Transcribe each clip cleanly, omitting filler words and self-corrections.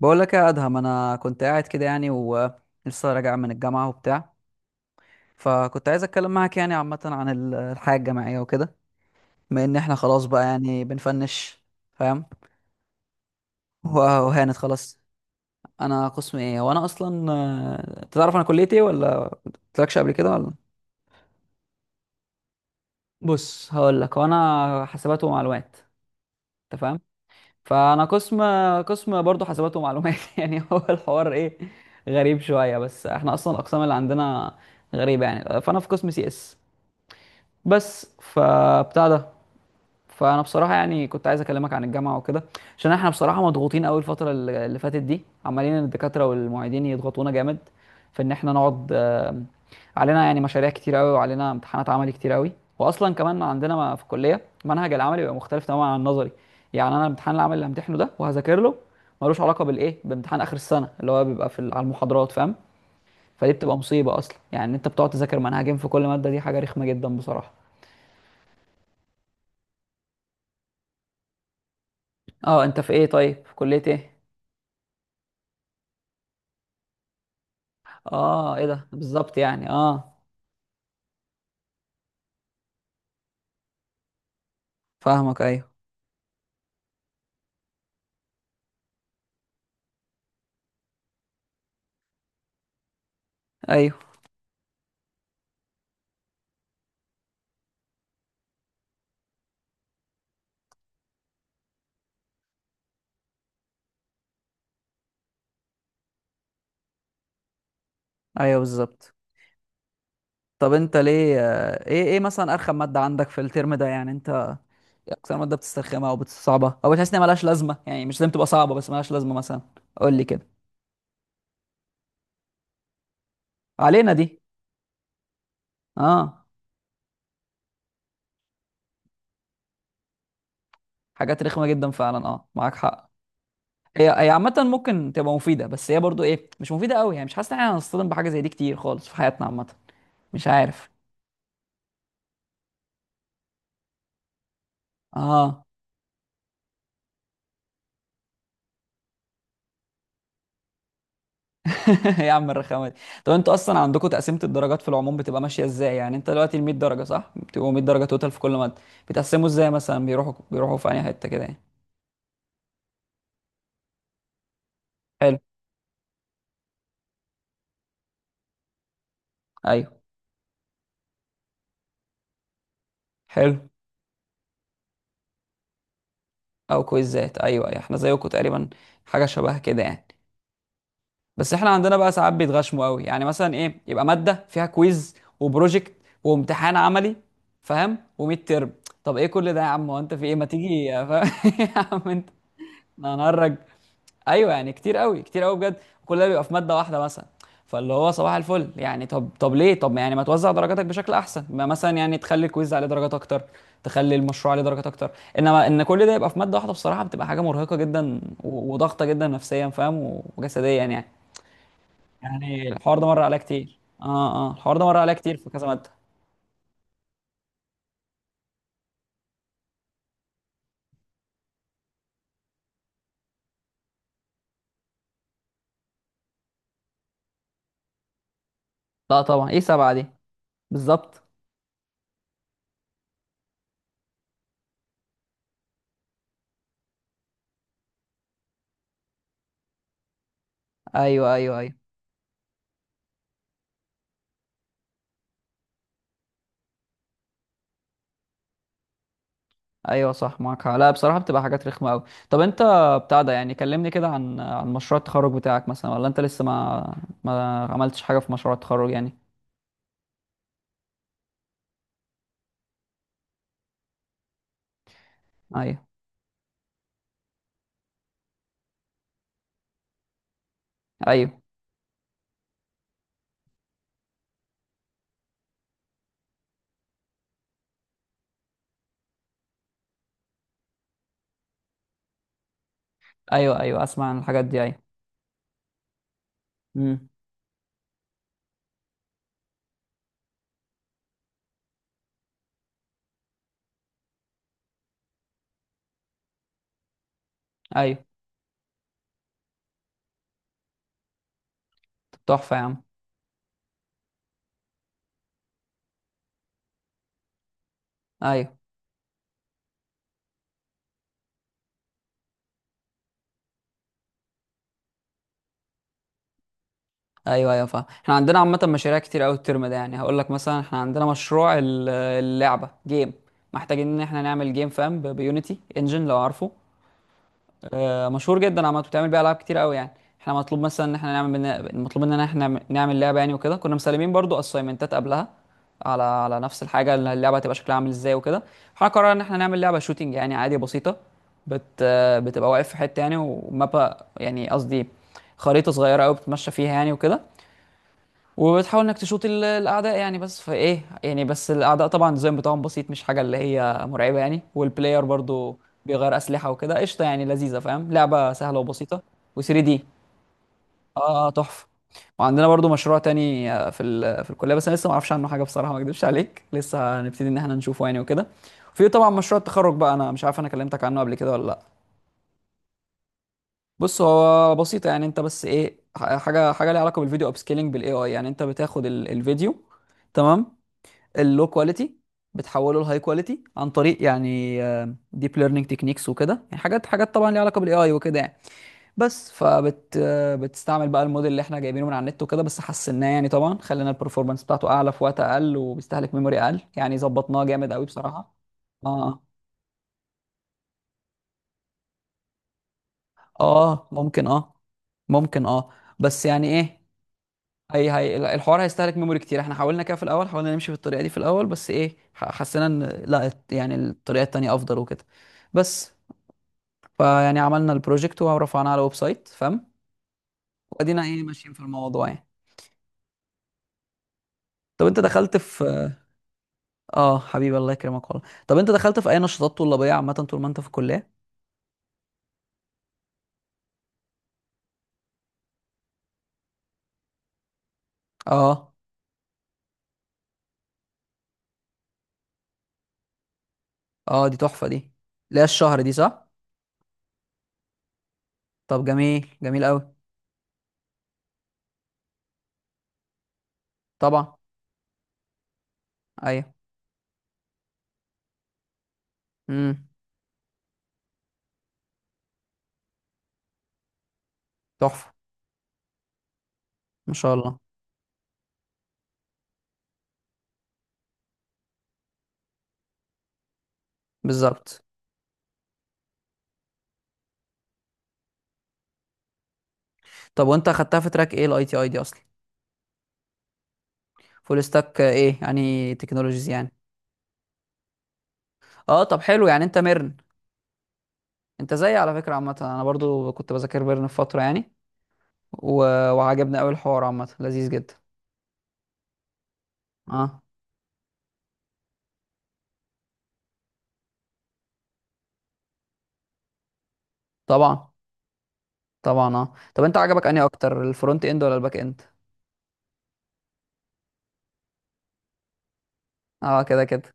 بقول لك يا ادهم، انا كنت قاعد كده يعني ولسه راجع من الجامعه وبتاع. فكنت عايز اتكلم معاك يعني عامه عن الحياه الجامعيه وكده، بما ان احنا خلاص بقى يعني بنفنش فاهم. و- وهانت خلاص. انا قسم ايه وانا اصلا، تعرف انا كليتي ايه ولا قلتلكش قبل كده ولا؟ بص، هقول لك، وانا حاسبات ومعلومات، انت فاهم؟ فانا قسم برضه حاسبات ومعلومات يعني هو الحوار ايه غريب شويه، بس احنا اصلا الاقسام اللي عندنا غريبه يعني. فانا في قسم سي اس بس، فبتاع ده. فانا بصراحه يعني كنت عايز اكلمك عن الجامعه وكده، عشان احنا بصراحه مضغوطين قوي الفتره اللي فاتت دي. عمالين الدكاتره والمعيدين يضغطونا جامد في ان احنا نقعد، علينا يعني مشاريع كتير قوي وعلينا امتحانات عملي كتير قوي. واصلا كمان عندنا في الكليه منهج العملي بيبقى مختلف تماما عن النظري. يعني انا الامتحان العملي اللي همتحنه ده وهذاكر له ملوش علاقه بالايه، بامتحان اخر السنه اللي هو بيبقى على المحاضرات فاهم. فدي بتبقى مصيبه اصلا يعني، إن انت بتقعد تذاكر منهجين في كل ماده، دي حاجه رخمه جدا بصراحه. اه انت في ايه؟ طيب في كليه ايه؟ اه، ايه ده بالظبط يعني؟ اه، فاهمك، ايوه ايوه ايوه، بالظبط. طب انت ليه، ايه مثلا ارخم ماده عندك في الترم ده يعني، انت إيه اكتر ماده بتسترخمها او بتصعبها او بتحس انها ملهاش لازمه؟ يعني مش لازم تبقى صعبه بس ملهاش لازمه مثلا. قول لي كده. علينا دي؟ اه، حاجات رخمه جدا فعلا، اه معاك حق. هي عامه ممكن تبقى مفيده، بس هي برضو ايه، مش مفيده قوي يعني. مش حاسس ان احنا هنصطدم بحاجه زي دي كتير خالص في حياتنا عامه، مش عارف. اه يا عم الرخامه دي! طب انتوا اصلا عندكم تقسيمه الدرجات في العموم بتبقى ماشيه ازاي؟ يعني انت دلوقتي ال 100 درجه، صح؟ بتبقوا 100 درجه توتال في كل ماده. بتقسموا ازاي مثلا؟ بيروحوا في اي حته كده يعني. حلو، ايوه، حلو. او كويزات، ايوه ايوه، احنا زيكم تقريبا، حاجه شبه كده يعني. بس احنا عندنا بقى ساعات بيتغشموا قوي يعني، مثلا ايه، يبقى ماده فيها كويز وبروجكت وامتحان عملي، فاهم؟ و100 ترم. طب ايه كل ده يا عم، هو انت في ايه؟ ما تيجي يا فاهم، يا عم انت! انا، ايوه يعني كتير قوي، كتير قوي بجد. كل ده بيبقى في ماده واحده مثلا. فاللي هو صباح الفل يعني. طب ليه؟ طب يعني ما توزع درجاتك بشكل احسن؟ ما مثلا يعني تخلي الكويز عليه درجات اكتر، تخلي المشروع عليه درجات اكتر. انما ان كل ده يبقى في ماده واحده، بصراحه بتبقى حاجه مرهقه جدا و- وضغطه جدا نفسيا، فاهم، و- وجسديا يعني. يعني الحوار ده مر عليا كتير، اه اه، الحوار ده مر عليا كتير في كذا ماده. لا طبعا، ايه سبعه دي! بالظبط، ايوه ايوه ايوه ايوه، صح معاك حق. لا بصراحه بتبقى حاجات رخمه قوي. طب انت بتاع ده يعني، كلمني كده عن مشروع التخرج بتاعك مثلا، ولا انت لسه ما عملتش حاجه في مشروع التخرج يعني؟ ايوه ايوه ايوه، ايوه اسمع عن الحاجات دي، ايوه. امم، ايوه، تحفه يا عم، ايوه ايوه ايوه، فاهم. احنا عندنا عامه مشاريع كتير قوي الترم ده يعني. هقول لك مثلا، احنا عندنا مشروع اللعبه جيم. محتاجين ان احنا نعمل جيم، فاهم، بيونيتي انجن لو عارفه. مشهور جدا عامة، بتعمل بيه العاب كتير قوي يعني. احنا مطلوب مثلا ان احنا مطلوب مننا ان احنا نعمل لعبه يعني وكده. كنا مسلمين برضو اساينمنتات قبلها على نفس الحاجه، اللي اللعبه هتبقى شكلها عامل ازاي وكده. احنا قررنا ان احنا نعمل لعبه شوتينج يعني، عادي بسيطه. بت... آه، بتبقى واقف في حته يعني، ومابا يعني قصدي خريطه صغيره قوي بتتمشى فيها يعني وكده، وبتحاول انك تشوط الاعداء يعني. بس فايه يعني، بس الاعداء طبعا الديزاين بتاعهم بسيط، مش حاجه اللي هي مرعبه يعني. والبلاير برضو بيغير اسلحه وكده، قشطه يعني، لذيذه، فاهم، لعبه سهله وبسيطه و3 دي. اه اه، تحفه. وعندنا برضو مشروع تاني، في الكليه، بس انا لسه ما اعرفش عنه حاجه بصراحه، ما اكدبش عليك، لسه هنبتدي ان احنا نشوفه يعني وكده. في طبعا مشروع التخرج بقى، انا مش عارف انا كلمتك عنه قبل كده ولا لا. بص، هو بسيطه يعني، انت بس ايه، حاجه ليها علاقه بالفيديو اب سكيلينج بالاي اي يعني. انت بتاخد الفيديو، تمام، اللو كواليتي، بتحوله لهاي كواليتي عن طريق يعني ديب ليرنينج تكنيكس وكده يعني، حاجات طبعا ليها علاقه بالاي اي وكده يعني. بس فبت آه، بتستعمل بقى الموديل اللي احنا جايبينه من على النت وكده، بس حسناه يعني طبعا، خلينا البرفورمانس بتاعته اعلى في وقت اقل، وبيستهلك ميموري اقل يعني، ظبطناه جامد قوي بصراحه. اه اه، ممكن اه، ممكن اه، بس يعني ايه، هي الحوار هيستهلك ميموري كتير. احنا حاولنا كده في الاول، حاولنا نمشي في الطريقه دي في الاول، بس ايه حسينا ان لا، يعني الطريقه التانيه افضل وكده بس. فيعني عملنا البروجكت ورفعناه على الويب سايت، فاهم، وادينا ايه ماشيين في الموضوع يعني. طب انت دخلت في اه حبيبي، الله يكرمك والله. طب انت دخلت في اي نشاطات طلابيه عامه طول ما انت في الكليه؟ اه اه، دي تحفه دي. لا الشهر دي صح؟ طب جميل، جميل قوي. طبعا، ايوه، امم، تحفه، ما شاء الله، بالظبط. طب وانت اخدتها في تراك ايه الاي تي اي دي اصلا؟ فول ستاك ايه يعني تكنولوجيز يعني؟ اه طب حلو يعني، انت ميرن. انت زيي على فكره عامه، انا برضو كنت بذاكر ميرن في فتره يعني و... وعجبني قوي الحوار، عامه لذيذ جدا. اه طبعا، طبعا. اه طب انت عجبك انهي اكتر، الفرونت اند ولا الباك اند؟ اه كده كده،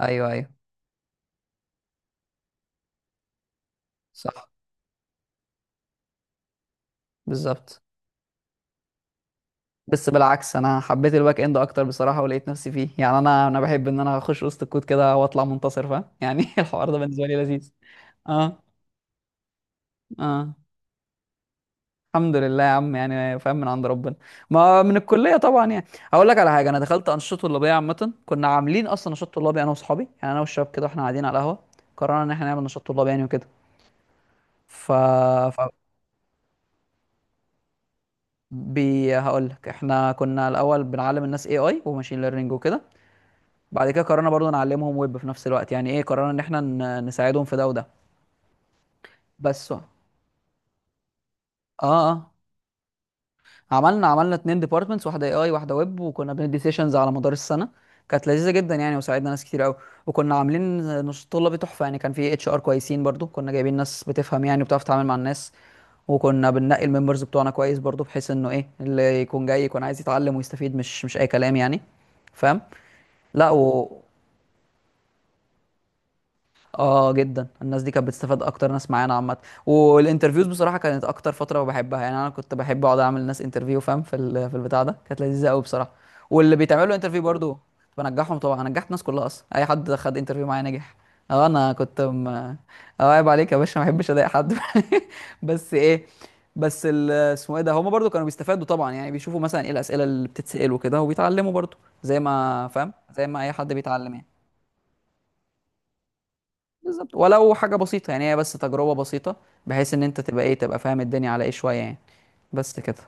ايوه ايوه، صح، بالظبط. بس بالعكس، انا حبيت الباك اند اكتر بصراحه، ولقيت نفسي فيه يعني. انا بحب ان انا اخش وسط الكود كده واطلع منتصر، فاهم يعني الحوار ده بالنسبه لي لذيذ. اه اه، الحمد لله يا عم يعني، فاهم، من عند ربنا، ما من الكليه طبعا يعني. هقول لك على حاجه، انا دخلت انشطه طلابيه عامه. كنا عاملين اصلا نشاط طلابي، انا واصحابي يعني، انا والشباب كده. واحنا قاعدين على القهوه قررنا ان احنا نعمل نشاط طلابي يعني وكده. ف, ف... بي هقول لك، احنا كنا الاول بنعلم الناس اي اي وماشين ليرنينج وكده. بعد كده قررنا برضو نعلمهم ويب في نفس الوقت يعني ايه، قررنا ان احنا نساعدهم في ده وده. بس اه اه، عملنا اتنين ديبارتمنتس، واحده اي اي واحده ويب، وكنا بندي سيشنز على مدار السنه. كانت لذيذه جدا يعني، وساعدنا ناس كتير قوي. وكنا عاملين نص طلبي تحفه يعني، كان في اتش ار كويسين برضو، كنا جايبين ناس بتفهم يعني وبتعرف تتعامل مع الناس. وكنا بننقي الممبرز بتوعنا كويس برضو، بحيث انه ايه، اللي يكون جاي يكون عايز يتعلم ويستفيد، مش اي كلام يعني، فاهم. لا اه جدا، الناس دي كانت بتستفاد اكتر ناس معانا عامه. والانترفيوز بصراحه كانت اكتر فتره بحبها يعني، انا كنت بحب اقعد اعمل ناس انترفيو، فاهم، في البتاع ده كانت لذيذه قوي بصراحه. واللي بيتعملوا انترفيو برضو كنت بنجحهم طبعا. أنا نجحت الناس كلها اصلا، اي حد خد انترفيو معايا نجح. اه انا كنت م... اه عيب عليك يا باشا، ما بحبش اضايق حد بس ايه، اسمه ايه ده، هما برضو كانوا بيستفادوا طبعا يعني، بيشوفوا مثلا ايه الاسئله اللي بتتسال وكده، وبيتعلموا برضو زي ما فاهم، زي ما اي حد بيتعلم يعني. بالظبط. ولو حاجة بسيطة يعني، هي بس تجربة بسيطة، بحيث ان انت تبقى ايه، تبقى فاهم الدنيا على ايه شوية يعني. بس كده.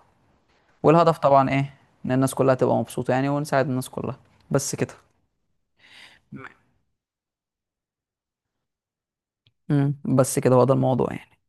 والهدف طبعا ايه، ان الناس كلها تبقى مبسوطة يعني، ونساعد الناس كلها. بس كده. امم، بس كده، هو ده الموضوع يعني.